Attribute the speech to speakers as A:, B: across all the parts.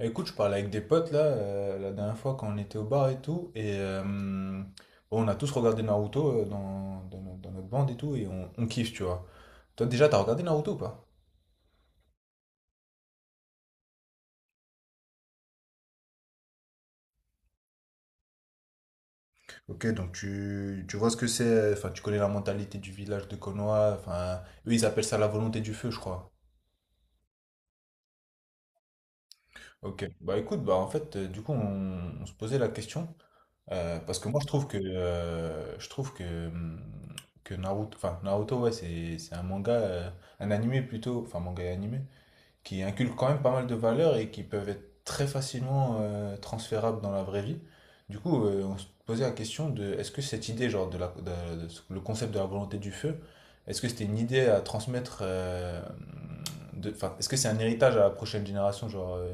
A: Écoute, je parlais avec des potes là, la dernière fois quand on était au bar et tout, et on a tous regardé Naruto dans, dans no- dans notre bande et tout, et on kiffe, tu vois. Toi déjà, t'as regardé Naruto ou pas? Ok, donc tu vois ce que c'est, enfin tu connais la mentalité du village de Konoha, enfin eux ils appellent ça la volonté du feu, je crois. Ok, bah écoute, bah en fait, du coup on se posait la question. Parce que moi je trouve hum, que Naruto, ouais, c'est un manga un animé plutôt, enfin manga et animé, qui inculque quand même pas mal de valeurs et qui peuvent être très facilement transférables dans la vraie vie. Du coup on se posait la question de est-ce que cette idée genre de le concept de la volonté du feu, est-ce que c'était une idée à transmettre, de enfin est-ce que c'est un héritage à la prochaine génération, genre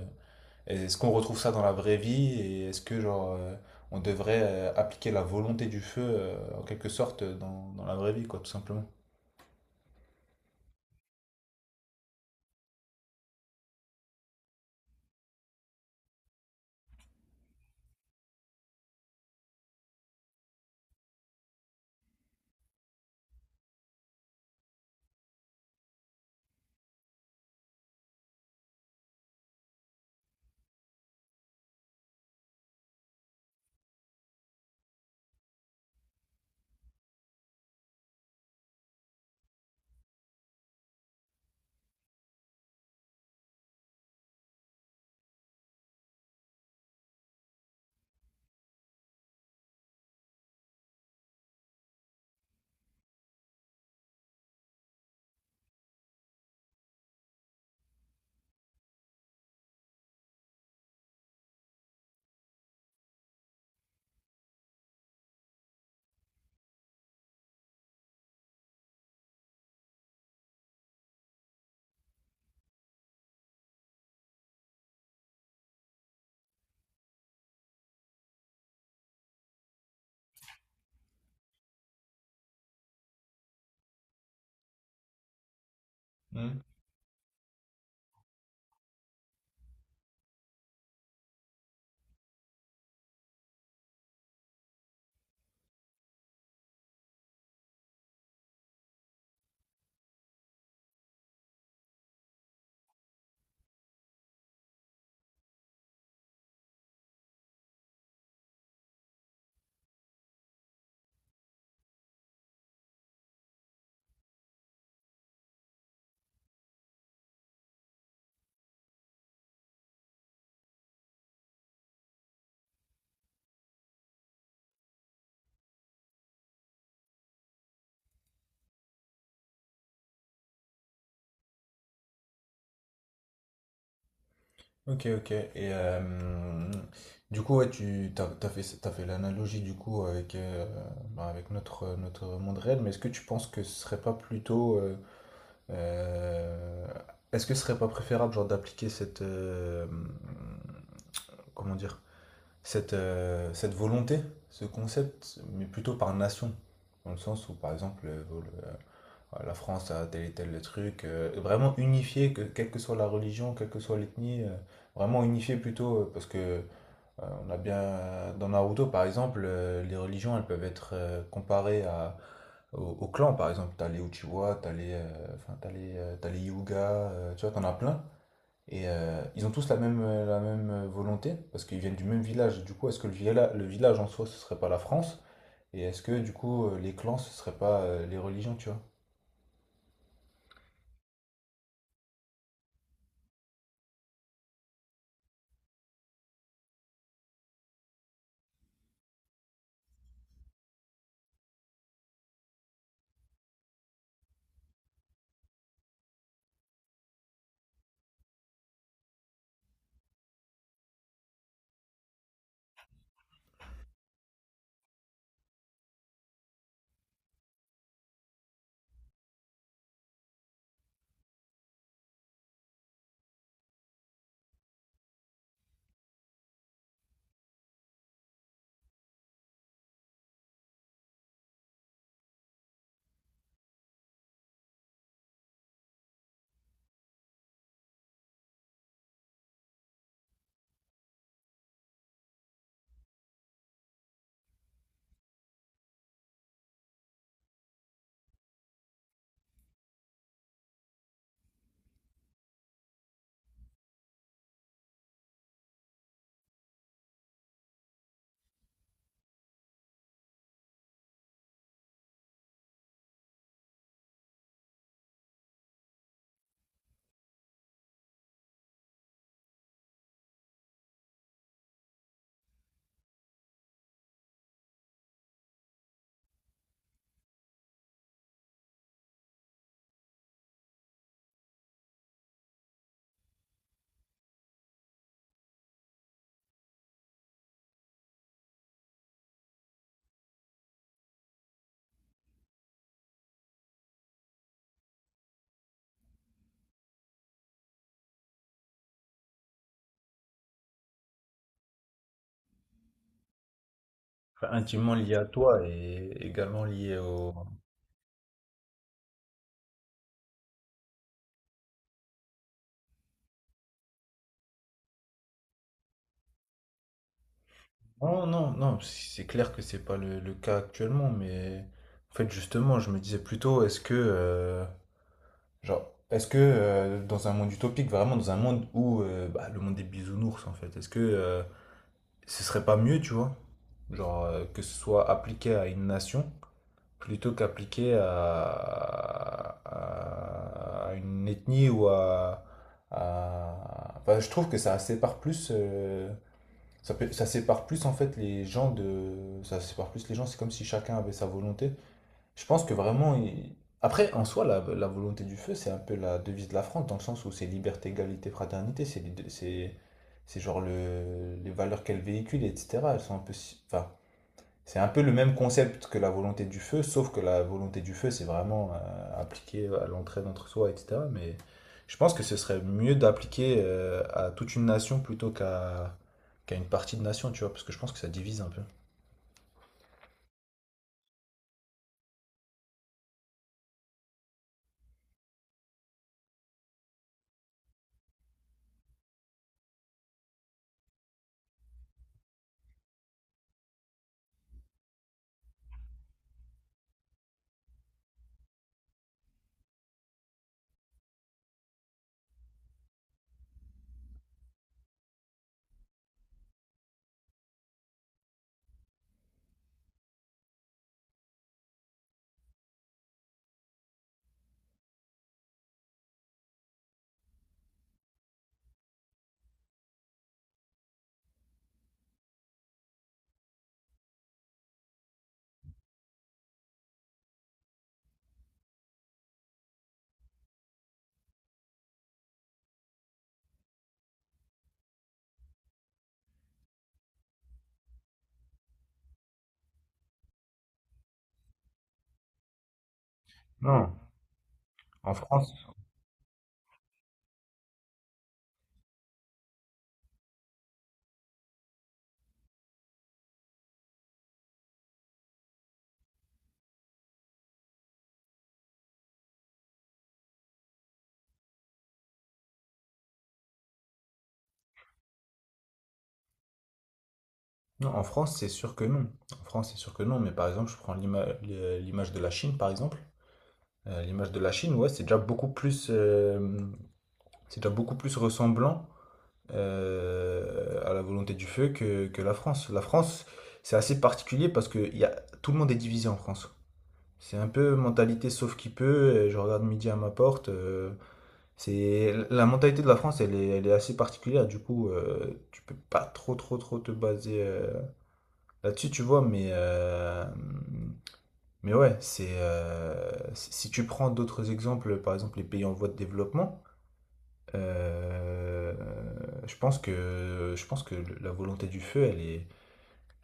A: est-ce qu'on retrouve ça dans la vraie vie, et est-ce que genre on devrait appliquer la volonté du feu en quelque sorte, dans la vraie vie, quoi, tout simplement. Hmm. Ok, ok, et du coup, ouais, tu t'as, t'as fait l'analogie du coup avec bah, avec notre notre monde réel, mais est-ce que tu penses que ce serait pas plutôt euh, est-ce que ce serait pas préférable, genre, d'appliquer cette comment dire, cette, cette volonté, ce concept, mais plutôt par nation. Dans le sens où, par exemple, la France a tel et tel truc, vraiment unifié, que, quelle que soit la religion, quelle que soit l'ethnie, vraiment unifié plutôt, parce que on a bien, dans Naruto, par exemple, les religions, elles peuvent être comparées à, au clan, par exemple. T'as les Uchiwa, t'as les Hyuga, tu vois, t'en as plein. Et ils ont tous la même, volonté, parce qu'ils viennent du même village. Du coup, est-ce que le village, en soi, ce serait pas la France? Et est-ce que, du coup, les clans, ce serait pas les religions, tu vois? Enfin, intimement lié à toi et également lié au... Non, non, non, si, c'est clair que c'est pas le cas actuellement, mais en fait, justement, je me disais plutôt, est-ce que, est-ce que dans un monde utopique, vraiment dans un monde où bah, le monde des bisounours, en fait, est-ce que ce serait pas mieux, tu vois, genre, que ce soit appliqué à une nation plutôt qu'appliqué à une ethnie ou enfin, je trouve que ça sépare plus, ça sépare plus en fait les gens ça sépare plus les gens. C'est comme si chacun avait sa volonté, je pense que vraiment après, en soi, la volonté du feu, c'est un peu la devise de la France, dans le sens où c'est liberté, égalité, fraternité. C'est genre les valeurs qu'elle véhicule, etc. Elles sont un peu enfin, c'est un peu le même concept que la volonté du feu, sauf que la volonté du feu, c'est vraiment appliqué à l'entraide entre soi, etc. Mais je pense que ce serait mieux d'appliquer à toute une nation plutôt qu'à qu'à une partie de nation, tu vois, parce que je pense que ça divise un peu. Non. En France. Non, en France, c'est sûr que non. En France, c'est sûr que non. Mais par exemple, je prends l'image de la Chine, par exemple. L'image de la Chine, ouais, c'est déjà beaucoup plus, c'est déjà beaucoup plus ressemblant à la volonté du feu que la France. La France, c'est assez particulier parce que il y a, tout le monde est divisé en France. C'est un peu mentalité sauf qui peut. Je regarde midi à ma porte. C'est la mentalité de la France, elle est assez particulière. Du coup, tu peux pas trop te baser là-dessus, tu vois, mais ouais, c'est si tu prends d'autres exemples, par exemple les pays en voie de développement, euh, je pense que la volonté du feu,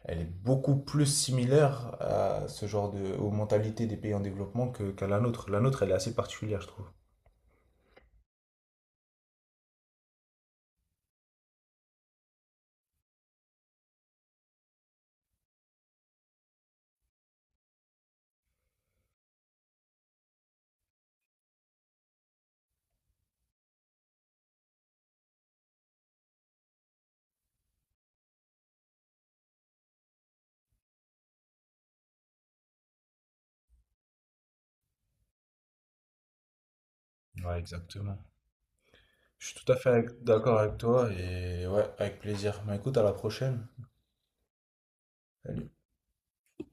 A: elle est beaucoup plus similaire à ce genre de, aux mentalités des pays en développement que, qu'à la nôtre. La nôtre, elle est assez particulière, je trouve. Ouais, exactement. Je suis tout à fait d'accord avec toi, et ouais, avec plaisir. Bah écoute, à la prochaine. Salut.